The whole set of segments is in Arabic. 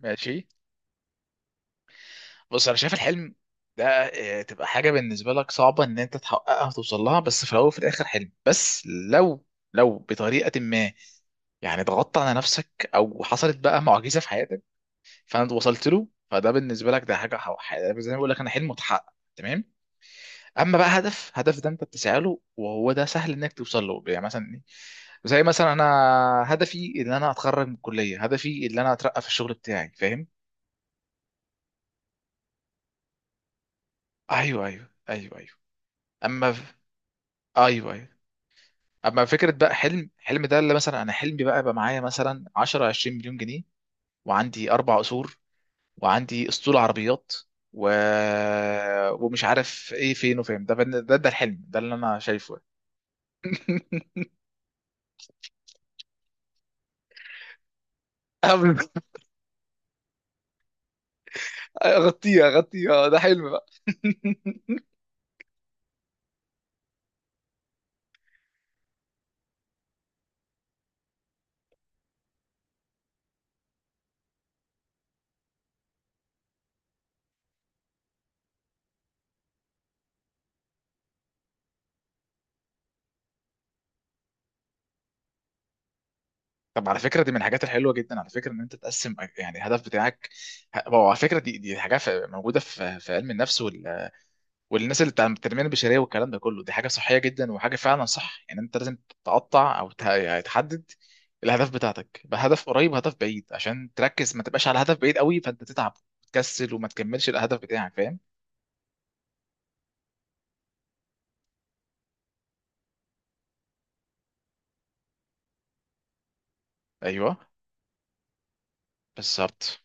ماشي. بص، انا شايف الحلم ده تبقى حاجه بالنسبه لك صعبه ان انت تحققها وتوصل لها، بس في الاول وفي الاخر حلم بس. لو لو بطريقه ما يعني ضغطت على نفسك او حصلت بقى معجزه في حياتك، فانت وصلت له. فده بالنسبه لك ده حاجه زي ما بقول لك، انا حلم متحقق تمام. اما بقى هدف، ده انت بتسعى له وهو ده سهل انك توصل له. يعني مثلا إيه؟ زي مثلا انا هدفي ان انا اتخرج من الكليه، هدفي ان انا اترقى في الشغل بتاعي. فاهم؟ ايوه، ايوه، ايوه، ايوه. اما ايوه، ايوه. اما فكره بقى، حلم ده اللي مثلا انا حلمي بقى يبقى معايا مثلا 10 20 مليون جنيه، وعندي اربع قصور، وعندي اسطول عربيات، و... ومش عارف ايه فين وفين. ده ده الحلم ده اللي انا شايفه. اغطيها اغطيها، ده حلم بقى. طب على فكره، دي من الحاجات الحلوه جدا على فكره، ان انت تقسم يعني الهدف بتاعك. هو على فكره دي حاجه موجوده في علم النفس، والناس اللي بتاع التنميه البشريه والكلام ده كله، دي حاجه صحيه جدا، وحاجه فعلا صح. يعني انت لازم تقطع او تحدد الاهداف بتاعتك بهدف قريب وهدف بعيد، عشان تركز، ما تبقاش على هدف بعيد قوي فانت تتعب وتكسل وما تكملش الهدف بتاعك. فاهم؟ ايوه، بالظبط.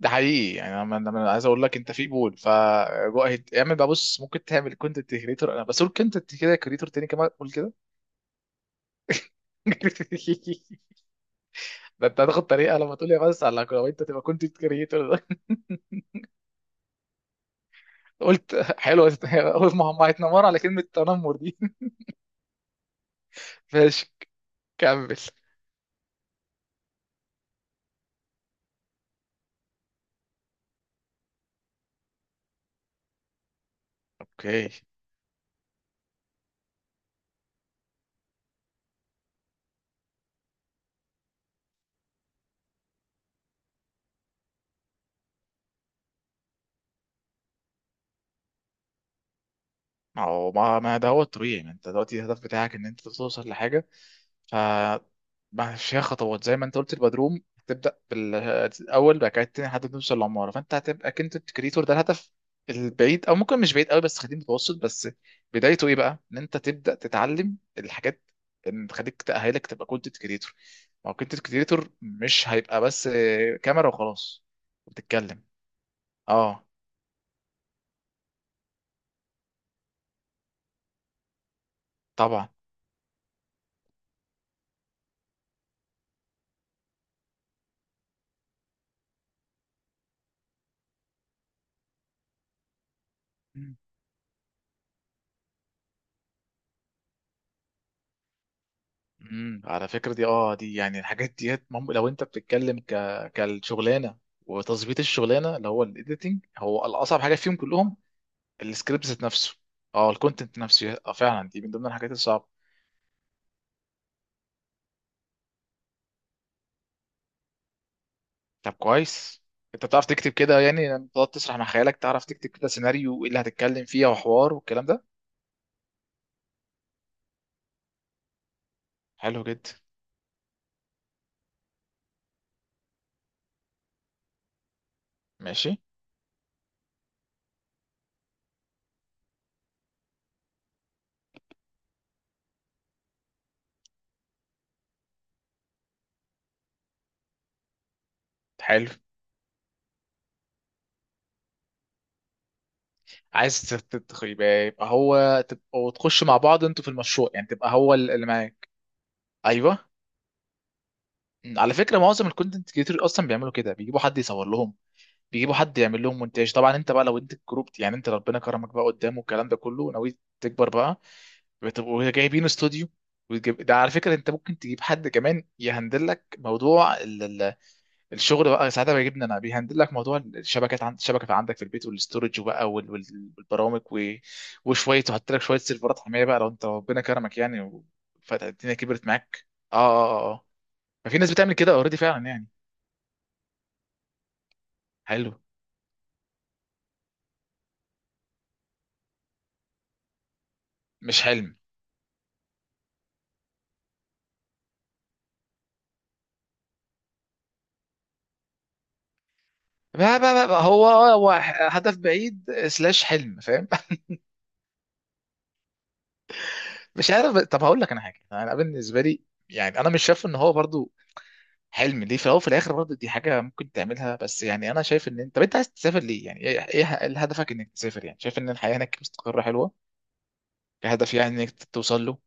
ده حقيقي، يعني انا أنا- أنا عايز اقول لك، انت في بول، ف جو أهيد. اعمل بقى. بص، ممكن تعمل كونتنت كريتور، انا بس قول كونتنت كده كريتور تاني كمان، قول كده. ده انت هتاخد طريقه لما تقول لي بس، على لو انت تبقى كونتنت كريتور. قلت حلو اول ما هم هيتنمروا على كلمة تنمر دي. ماشي، كمل. اوكي. ما هو ما ده هو الطبيعي، ما انت دلوقتي الهدف بتاعك ان انت توصل لحاجه ما فيها خطوات. زي ما انت قلت، البدروم تبدا بالاول، بعد كده التاني، لحد ما توصل للعماره. فانت هتبقى كنت الكريتور، ده الهدف البعيد، او ممكن مش بعيد قوي بس خلينا متوسط بس. بدايته ايه بقى؟ ان انت تبدا تتعلم الحاجات اللي تخليك تاهلك تبقى كونتنت كريتور. ما هو كونتنت كريتور مش هيبقى بس كاميرا وخلاص. وبتتكلم. اه، طبعا. على فكره، دي يعني الحاجات ديت لو انت بتتكلم كالشغلانه وتظبيط الشغلانه، اللي هو الايديتنج هو الاصعب حاجه فيهم كلهم. السكريبت ذات نفسه. اه، الكونتنت نفسه. اه، فعلا دي من ضمن الحاجات الصعبه. طب كويس. انت بتعرف تكتب كده؟ يعني لما تقعد تسرح مع خيالك، تعرف تكتب كده سيناريو وايه اللي هتتكلم فيه وحوار والكلام ده؟ حلو جدا. ماشي، حلو. عايز يبقى هو تبقى وتخش مع بعض انتوا في المشروع، يعني تبقى هو اللي معاك. ايوه. مم. على فكره، معظم الكونتنت كريتور اصلا بيعملوا كده، بيجيبوا حد يصور لهم، بيجيبوا حد يعمل لهم مونتاج. طبعا انت بقى لو انت الجروب، يعني انت ربنا كرمك بقى قدامه والكلام ده كله، ناوي تكبر بقى، بتبقوا جايبين استوديو. ده على فكره انت ممكن تجيب حد كمان يهندل لك موضوع الشغل بقى ساعتها، بيجيبنا انا بيهندل لك موضوع الشبكات، عند الشبكه عندك في البيت والاستورج وبقى والبرامج وشويه، وحط لك شويه سيرفرات حمايه بقى لو انت ربنا كرمك يعني، فالدنيا كبرت معاك. اه، اه، اه، آه. ففي ناس بتعمل كده اوريدي فعلا يعني. حلو. مش حلم. بقى هو هدف بعيد سلاش حلم، فاهم؟ مش عارف. طب هقول لك انا حاجه، انا بالنسبه لي يعني انا مش شايف ان هو برضو حلم، ليه؟ في الاول وفي الاخر برضو دي حاجه ممكن تعملها بس. يعني انا شايف ان انت، طب انت عايز تسافر ليه؟ يعني ايه هدفك انك تسافر؟ يعني شايف ان الحياه هناك مستقره حلوه كهدف، يعني انك توصل له؟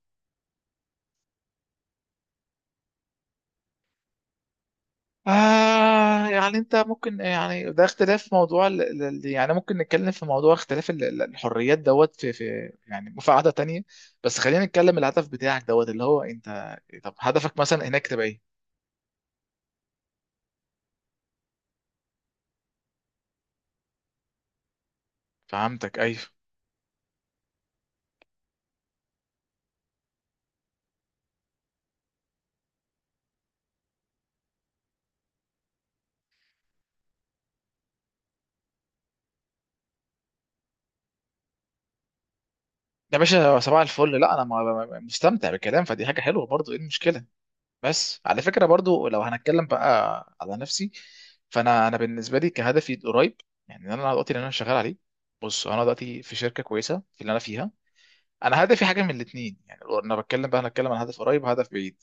آه. يعني انت ممكن يعني ده اختلاف موضوع يعني ممكن نتكلم في موضوع اختلاف الحريات دوت في في يعني في قعدة تانية. بس خلينا نتكلم الهدف بتاعك دوت اللي هو انت. طب هدفك مثلا هناك تبقى ايه؟ فهمتك، ايوه. يا باشا، صباح الفل. لا انا مستمتع بالكلام، فدي حاجة حلوة برضو، ايه المشكلة؟ بس على فكرة برضو لو هنتكلم بقى على نفسي، فانا انا بالنسبة لي كهدفي قريب. يعني انا دلوقتي اللي انا شغال عليه، بص انا دلوقتي في شركة كويسة في اللي انا فيها. انا هدفي حاجه من الاثنين، يعني لو انا بتكلم بقى انا بتكلم عن هدف قريب وهدف بعيد.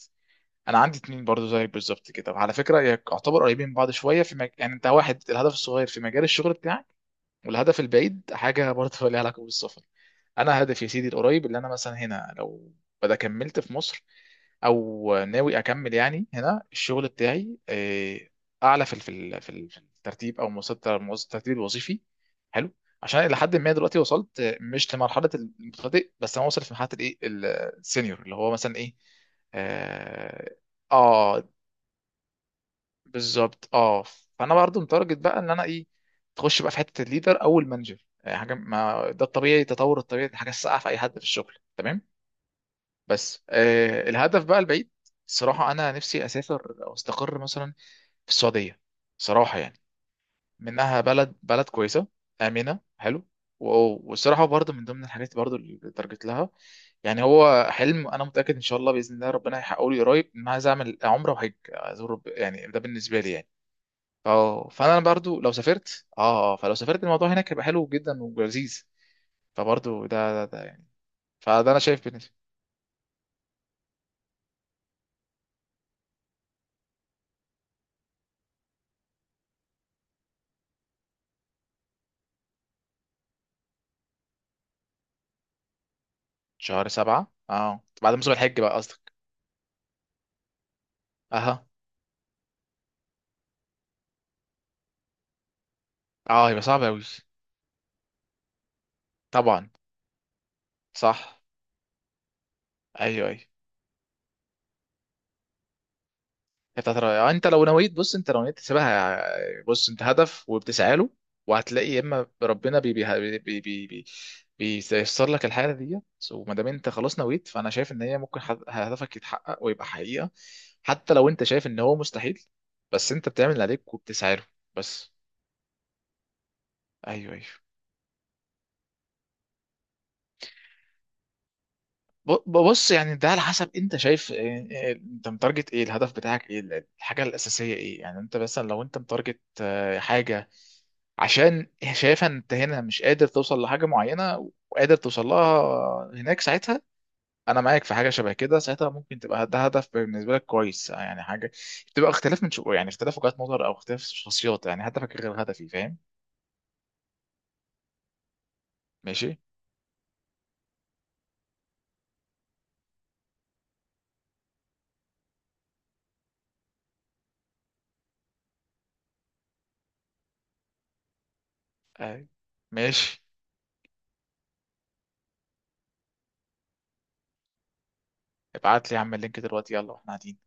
انا عندي اتنين برضو زي بالظبط كده، وعلى فكره يعتبر قريبين من بعض شويه في يعني انت واحد، الهدف الصغير في مجال الشغل بتاعك، والهدف البعيد حاجه برضو ليها علاقه بالسفر. انا هدفي يا سيدي القريب اللي انا مثلا هنا، لو بدا كملت في مصر او ناوي اكمل يعني هنا الشغل بتاعي، اعلى في في الترتيب او مستوى الترتيب الوظيفي. حلو. عشان الى حد ما دلوقتي وصلت، مش لمرحله المبتدئ بس، انا واصل في مرحله الايه السينيور اللي هو مثلا ايه. اه، آه، بالظبط اه. فانا برضو متارجت بقى ان انا ايه، تخش بقى في حته الليدر او المانجر. يعني حاجه، ما ده الطبيعي، التطور الطبيعي دي حاجه الساقعه في اي حد في الشغل تمام. بس الهدف بقى البعيد، الصراحه انا نفسي اسافر او استقر مثلا في السعوديه، صراحه يعني، منها بلد، بلد كويسه امنه حلو. والصراحه برضو من ضمن الحاجات برضو اللي تارجت لها. يعني هو حلم، انا متاكد ان شاء الله باذن الله ربنا هيحققه لي قريب، ان أنا عايز اعمل عمره وحج ازور يعني ده بالنسبه لي يعني. اه فانا برضو لو سافرت، اه اه فلو سافرت، الموضوع هناك هيبقى حلو جدا ولذيذ. فبرضو ده يعني. فده انا شايف بالنسبه. شهر سبعة، اه، بعد موسم الحج بقى قصدك؟ اها. اه، يبقى صعب اوي. طبعا. صح. ايوه، ايوه. هي بتاعت الرأي. انت لو نويت، بص انت لو نويت تسيبها، بص انت هدف وبتسعى له، وهتلاقي يا اما ربنا بي بي بي بي بي بيسر لك الحاجه دي. وما دام انت خلاص نويت، فانا شايف ان هي ممكن هدفك يتحقق ويبقى حقيقه، حتى لو انت شايف ان هو مستحيل. بس انت بتعمل اللي عليك وبتسعى له بس. ايوه، ايوه. ب- بص يعني ده على حسب انت شايف انت متارجت ايه، الهدف بتاعك ايه، الحاجه الاساسيه ايه. يعني انت مثلا لو انت متارجت حاجه عشان شايفها ان انت هنا مش قادر توصل لحاجه معينه وقادر توصل لها هناك، ساعتها انا معاك في حاجه شبه كده. ساعتها ممكن تبقى ده هدف بالنسبه لك كويس، يعني حاجه بتبقى اختلاف من شو، يعني اختلاف وجهات نظر او اختلاف شخصيات، يعني هدفك غير هدفي. فاهم؟ ماشي. آه. ماشي. ابعت لي يا عم اللينك دلوقتي، يلا، واحنا قاعدين.